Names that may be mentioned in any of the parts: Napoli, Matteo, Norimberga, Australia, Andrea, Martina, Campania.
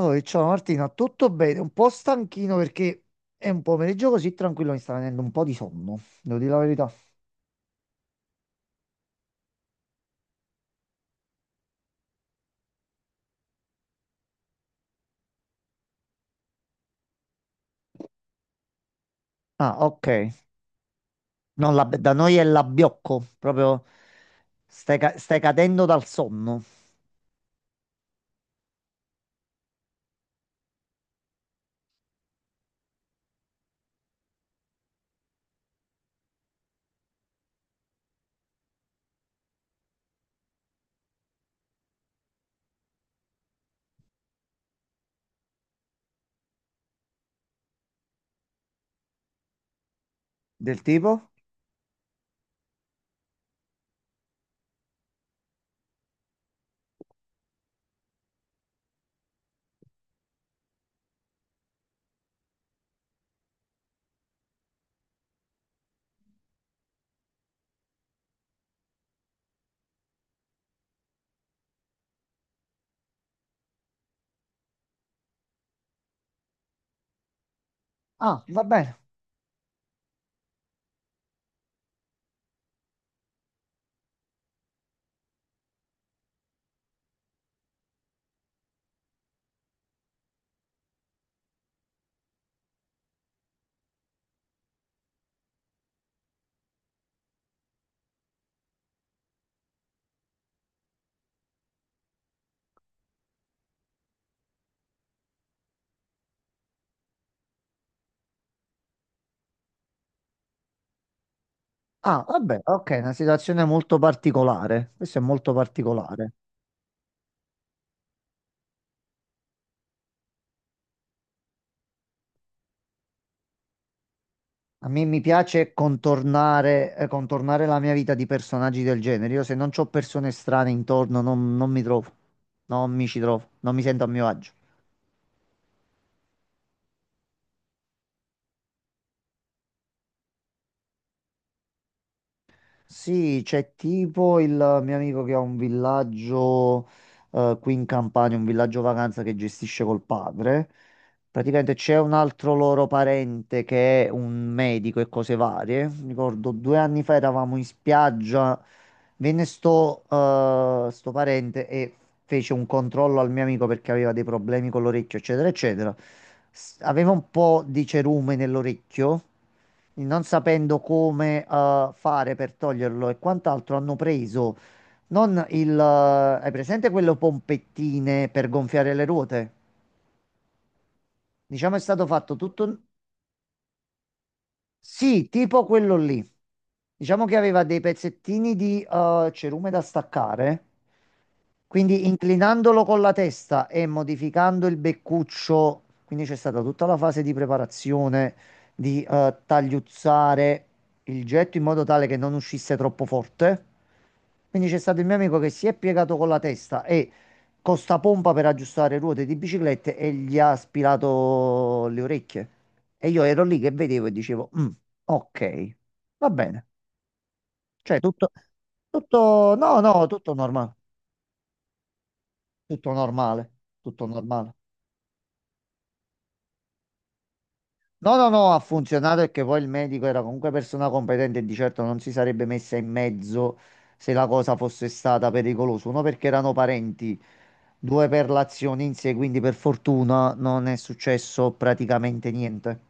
Oh, ciao Martina, tutto bene? Un po' stanchino perché è un pomeriggio così tranquillo, mi sta venendo un po' di sonno, devo dire la verità. Ah, ok. No, da noi è l'abbiocco, proprio stai, stai cadendo dal sonno. Del tipo? Ah, va bene. Ah, va bene, ok, una situazione molto particolare. Questo è molto particolare. A me mi piace contornare, contornare la mia vita di personaggi del genere. Io se non ho persone strane intorno non mi trovo, non mi ci trovo, non mi sento a mio agio. Sì, c'è tipo il mio amico che ha un villaggio qui in Campania, un villaggio vacanza che gestisce col padre. Praticamente c'è un altro loro parente che è un medico e cose varie. Mi ricordo 2 anni fa eravamo in spiaggia, venne sto parente e fece un controllo al mio amico perché aveva dei problemi con l'orecchio, eccetera, eccetera. Aveva un po' di cerume nell'orecchio, non sapendo come, fare per toglierlo e quant'altro, hanno preso non il... hai presente quelle pompettine per gonfiare le ruote? Diciamo è stato fatto tutto. Sì, tipo quello lì. Diciamo che aveva dei pezzettini di cerume da staccare, quindi inclinandolo con la testa e modificando il beccuccio, quindi c'è stata tutta la fase di preparazione, di tagliuzzare il getto in modo tale che non uscisse troppo forte. Quindi c'è stato il mio amico che si è piegato con la testa e con sta pompa per aggiustare ruote di biciclette e gli ha aspirato le orecchie. E io ero lì che vedevo e dicevo, "Mm, ok, va bene. Cioè, no, no, tutto normale, tutto normale, tutto normale. No, no, no, ha funzionato e che poi il medico era comunque persona competente e di certo non si sarebbe messa in mezzo se la cosa fosse stata pericolosa. Uno perché erano parenti, due per l'azione in sé, quindi per fortuna non è successo praticamente niente.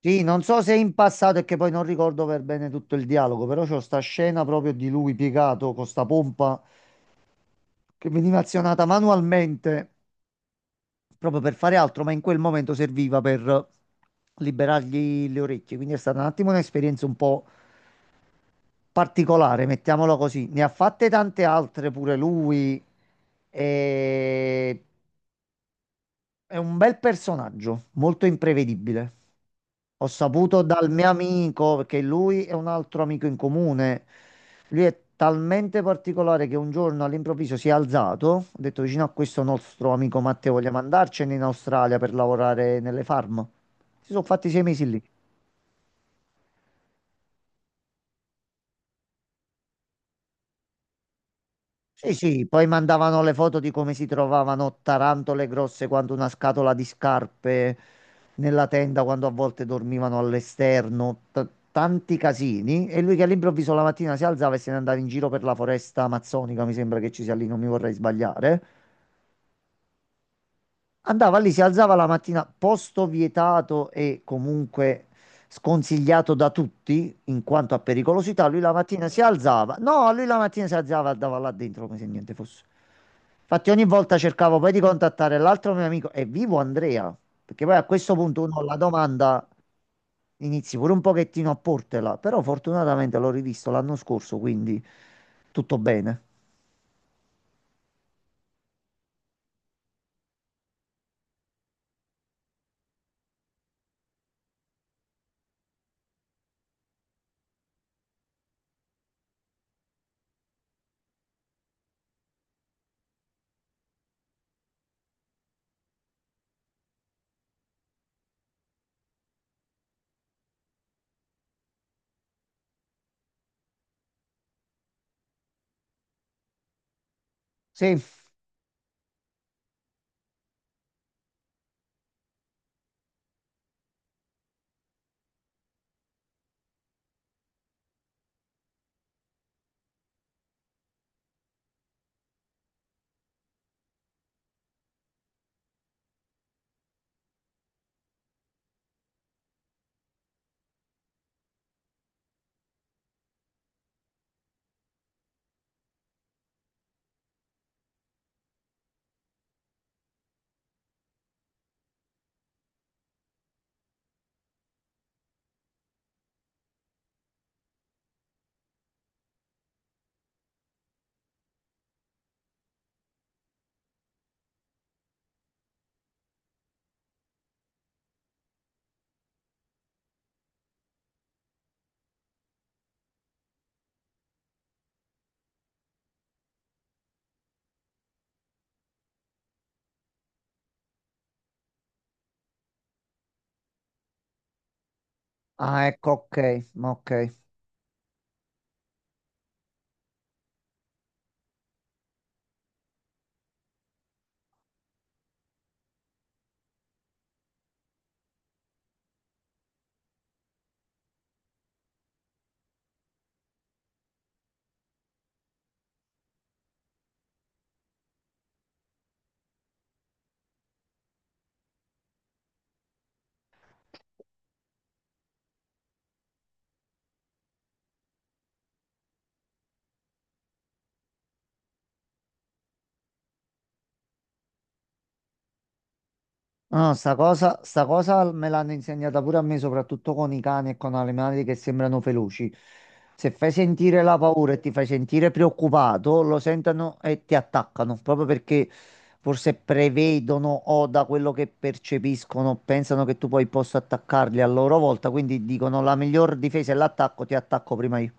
Sì, non so se in passato è che poi non ricordo per bene tutto il dialogo, però c'ho sta scena proprio di lui piegato con sta pompa che veniva azionata manualmente proprio per fare altro, ma in quel momento serviva per liberargli le orecchie. Quindi è stata un attimo un'esperienza un po' particolare, mettiamola così. Ne ha fatte tante altre pure lui. E... è un bel personaggio, molto imprevedibile. Ho saputo dal mio amico, perché lui è un altro amico in comune. Lui è talmente particolare che un giorno all'improvviso si è alzato, ha detto vicino a questo nostro amico Matteo, vogliamo andarcene in Australia per lavorare nelle farm. Si sono fatti 6 mesi lì. Sì, sì, poi mandavano le foto di come si trovavano tarantole grosse quanto una scatola di scarpe nella tenda quando a volte dormivano all'esterno, tanti casini. E lui che all'improvviso la mattina si alzava e se ne andava in giro per la foresta amazzonica, mi sembra che ci sia lì, non mi vorrei sbagliare. Andava lì, si alzava la mattina, posto vietato e comunque sconsigliato da tutti in quanto a pericolosità. Lui la mattina si alzava, no, lui la mattina si alzava e andava là dentro come se niente fosse. Infatti, ogni volta cercavo poi di contattare l'altro mio amico, è vivo Andrea? Perché poi a questo punto uno la domanda inizi pure un pochettino a portela, però fortunatamente l'ho rivisto l'anno scorso, quindi tutto bene. Sì, ah, ecco, ok, ma ok. No, no, sta cosa me l'hanno insegnata pure a me, soprattutto con i cani e con animali che sembrano feroci. Se fai sentire la paura e ti fai sentire preoccupato, lo sentono e ti attaccano, proprio perché forse prevedono o da quello che percepiscono pensano che tu poi possa attaccarli a loro volta, quindi dicono la miglior difesa è l'attacco, ti attacco prima io.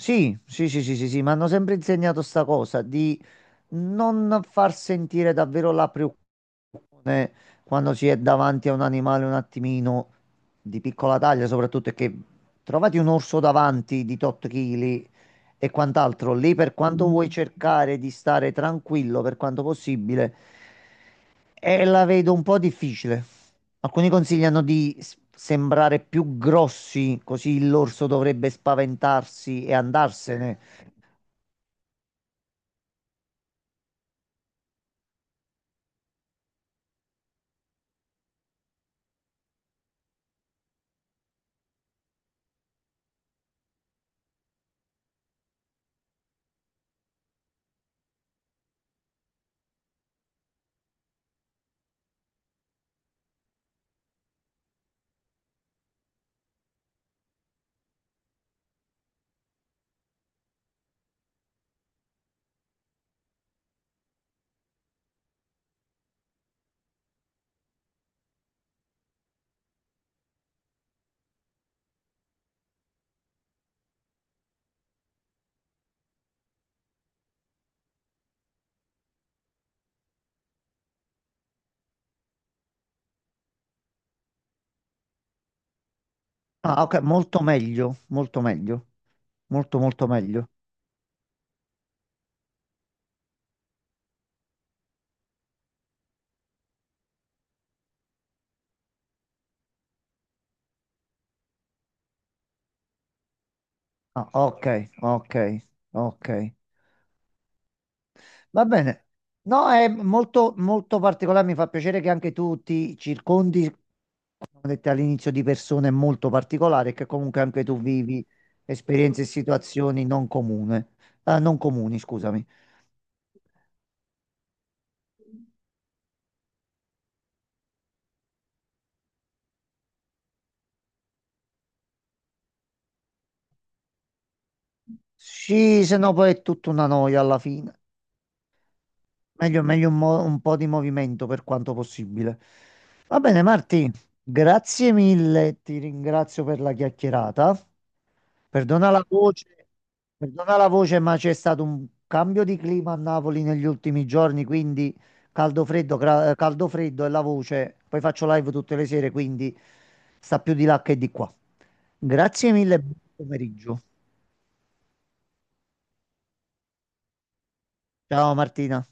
Sì, sì, sì, sì, sì, sì, mi hanno sempre insegnato sta cosa non far sentire davvero la preoccupazione quando si è davanti a un animale un attimino di piccola taglia, soprattutto è che trovati un orso davanti di tot chili e quant'altro, lì per quanto vuoi cercare di stare tranquillo per quanto possibile, e la vedo un po' difficile. Alcuni consigliano di sembrare più grossi, così l'orso dovrebbe spaventarsi e andarsene. Ah, ok, molto meglio, molto meglio, molto molto meglio. Ah, ok, ok, ok. Va bene. No, è molto molto particolare, mi fa piacere che anche tu ti circondi, come ho detto all'inizio, di persone molto particolari, e che comunque anche tu vivi esperienze e situazioni non comune, non comuni, scusami. Sì, se no poi è tutta una noia alla fine. Meglio, meglio un po' di movimento per quanto possibile. Va bene, Marti, grazie mille, ti ringrazio per la chiacchierata. Perdona la voce, perdona la voce, ma c'è stato un cambio di clima a Napoli negli ultimi giorni, quindi caldo freddo, caldo freddo e la voce. Poi faccio live tutte le sere, quindi sta più di là che di qua. Grazie mille, buon pomeriggio. Ciao Martina.